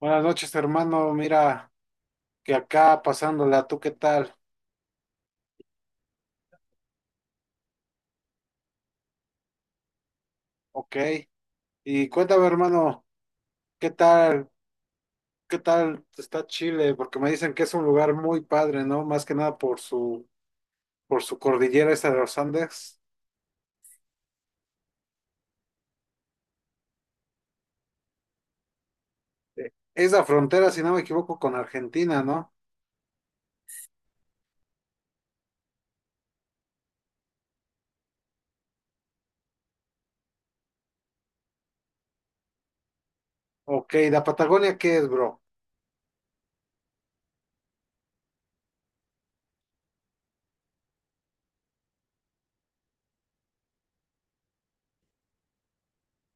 Buenas noches, hermano. Mira, que acá pasándola, ¿tú qué tal? Ok. Y cuéntame, hermano, ¿qué tal? ¿Qué tal está Chile? Porque me dicen que es un lugar muy padre, ¿no? Más que nada por su, por su cordillera esta de los Andes. Es la frontera, si no me equivoco, con Argentina, ¿no? Ok, ¿la Patagonia qué es, bro?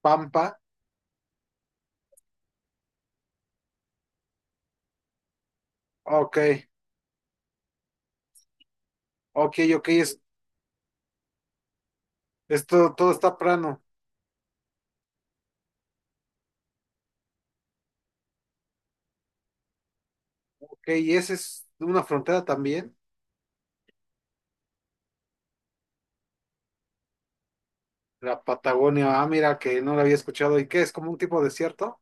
¿Pampa? Ok, ok, ok, es, esto todo está plano. Ok, ¿y esa es una frontera también? La Patagonia, ah, mira, que no la había escuchado. ¿Y qué? ¿Es como un tipo desierto?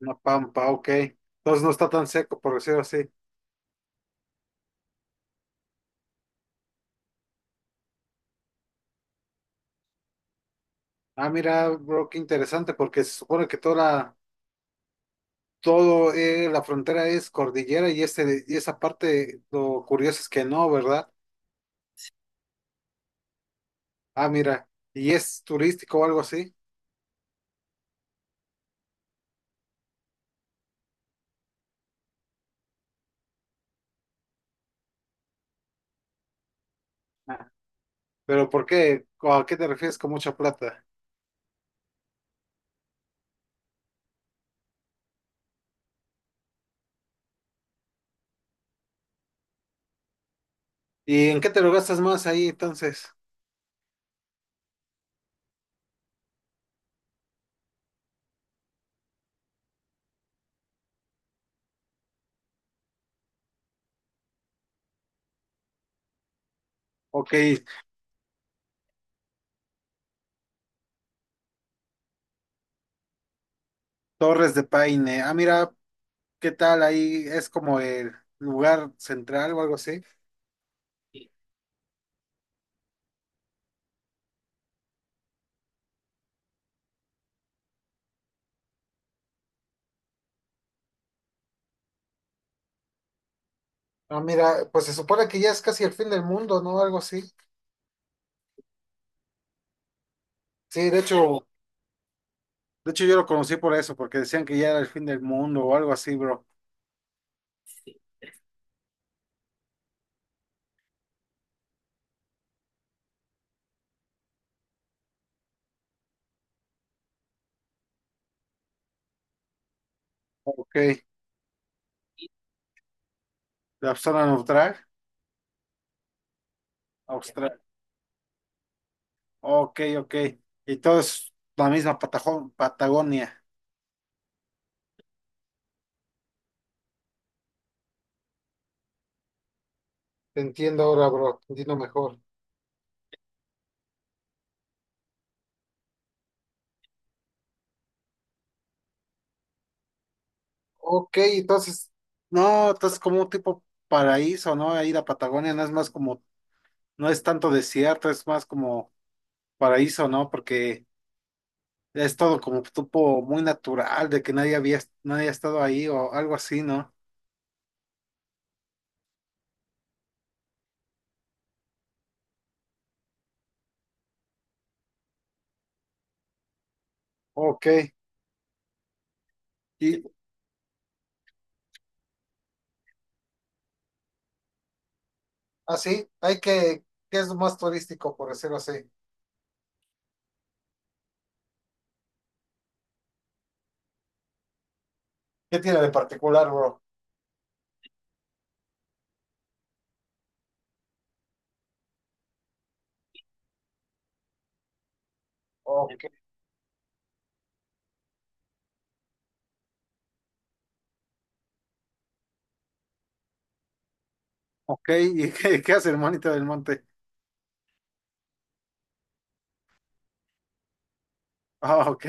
Una pampa, ok. Entonces no está tan seco, por decirlo así. Ah, mira, bro, qué interesante, porque se supone que toda la, todo, la frontera es cordillera y, este, y esa parte, lo curioso es que no, ¿verdad? Ah, mira, y es turístico o algo así. Ah. Pero ¿por qué? ¿O ¿A qué te refieres con mucha plata? ¿Y en qué te lo gastas más ahí entonces? Ok, Torres de Paine. Ah, mira, ¿qué tal ahí? Es como el lugar central o algo así. Ah, mira, pues se supone que ya es casi el fin del mundo, ¿no? Algo así. Sí, de hecho yo lo conocí por eso, porque decían que ya era el fin del mundo o algo así, bro. Ok, la zona neutral, Australia. Ok, ok. Y todo es la misma Patajo- Patagonia. Te entiendo ahora, bro, te entiendo mejor. Ok, entonces, no, entonces como un tipo paraíso, ¿no? Ahí la Patagonia no es más como, no es tanto desierto, es más como paraíso, ¿no? Porque es todo como tipo muy natural, de que nadie había, nadie ha estado ahí o algo así, ¿no? Ok. Y así, hay que, ¿qué es lo más turístico, por decirlo así? ¿Qué tiene de particular, bro? Ok. Ok, ¿y qué, qué hace el monito del monte? Ah, ok.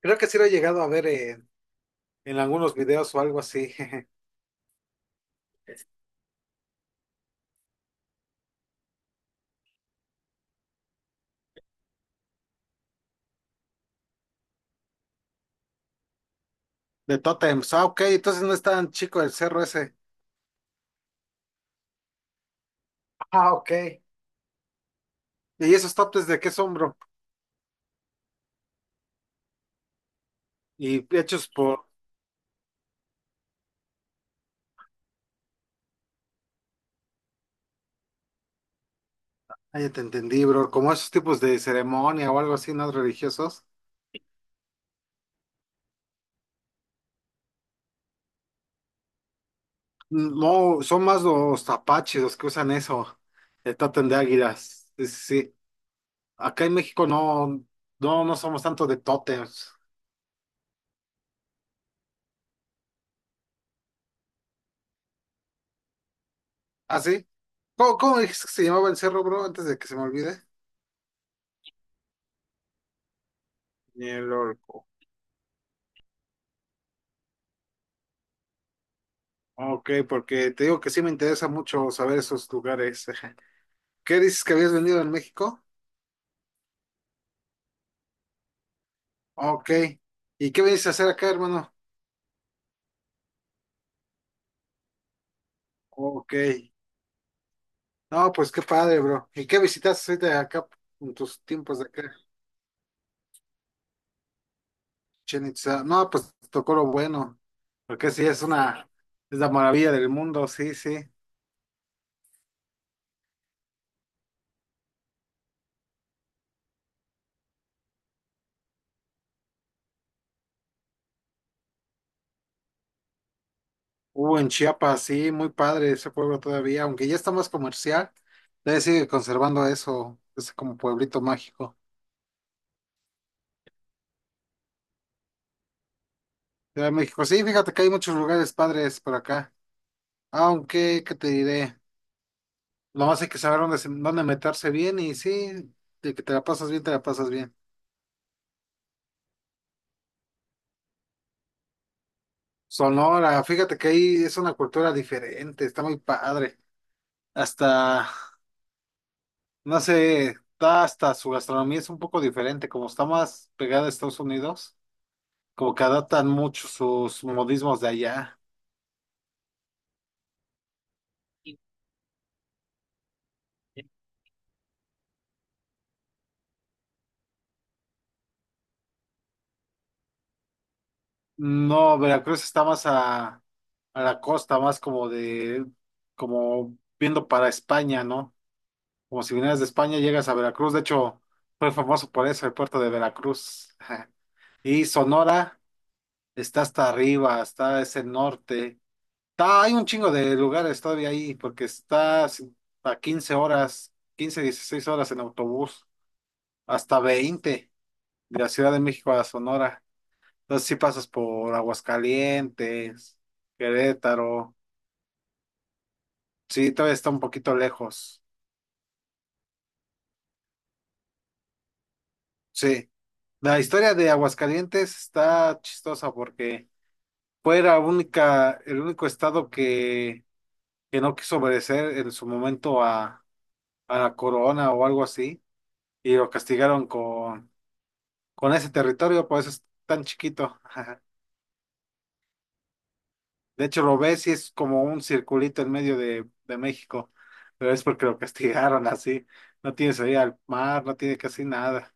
Creo que sí lo he llegado a ver en algunos videos o algo así. De tótems. Ah, ok, entonces no es tan chico el cerro ese. Ah, ok. ¿Y esos tótems de qué son, bro? Y hechos por. Ah, ya te entendí, bro. Como esos tipos de ceremonia o algo así, ¿no? Religiosos. No, son más los apaches los que usan eso, el tótem de águilas. Sí, sí, sí. Acá en México no, no, no somos tanto de tótems. ¿Ah, sí? ¿Cómo, cómo dijiste que se llamaba el cerro, bro, antes de que se me olvide? Ni el Orco. Ok, porque te digo que sí me interesa mucho saber esos lugares. ¿Qué dices que habías venido en México? Ok. ¿Y qué vienes a hacer acá, hermano? Ok. No, pues qué padre, bro. ¿Y qué visitas ahorita acá en tus tiempos de acá? Chichén Itzá. No, pues tocó lo bueno, porque sí, es una, es la maravilla del mundo, sí, sí. Hubo en Chiapas, sí, muy padre ese pueblo todavía, aunque ya está más comercial, todavía sigue conservando eso, ese como pueblito mágico. Ciudad de México, sí, fíjate que hay muchos lugares padres por acá, aunque, ¿qué te diré? Lo más hay que saber dónde, se- dónde meterse bien y sí, de que te la pasas bien, te la pasas bien. Sonora, fíjate que ahí es una cultura diferente, está muy padre. Hasta, no sé, está hasta su gastronomía es un poco diferente, como está más pegada a Estados Unidos, como que adaptan mucho sus modismos de allá. No, Veracruz está más a la costa, más como de, como viendo para España, ¿no? Como si vinieras de España, llegas a Veracruz. De hecho, fue famoso por eso, el puerto de Veracruz. Y Sonora. Está hasta arriba, está ese norte. Está, hay un chingo de lugares todavía ahí, porque está si, a 15 horas, 15 16 horas en autobús, hasta 20 de la Ciudad de México a la Sonora. Entonces sí pasas por Aguascalientes, Querétaro. Sí, todavía está un poquito lejos. Sí. La historia de Aguascalientes está chistosa porque fue la única, el único estado que no quiso obedecer en su momento a la corona o algo así, y lo castigaron con ese territorio, por eso es tan chiquito. De hecho, lo ves y es como un circulito en medio de México, pero es porque lo castigaron así. No tiene salida al mar, no tiene casi nada.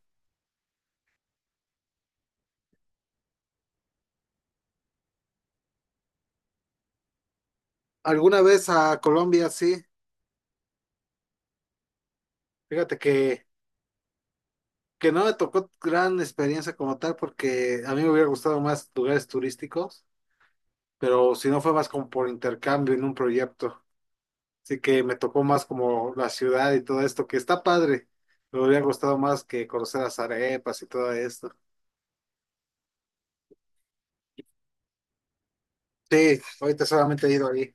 Alguna vez a Colombia, sí. Fíjate que no me tocó gran experiencia como tal, porque a mí me hubiera gustado más lugares turísticos, pero si no fue más como por intercambio en un proyecto. Así que me tocó más como la ciudad y todo esto, que está padre. Me hubiera gustado más que conocer las arepas y todo esto. Sí, ahorita solamente he ido ahí.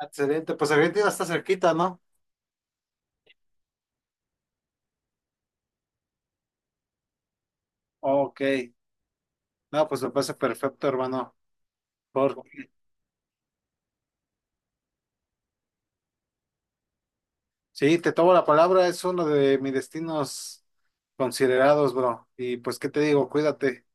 Excelente, pues Argentina está cerquita, ¿no? Ok, no, pues me parece perfecto, hermano. Por... Sí, te tomo la palabra, es uno de mis destinos considerados, bro. Y pues, ¿qué te digo? Cuídate.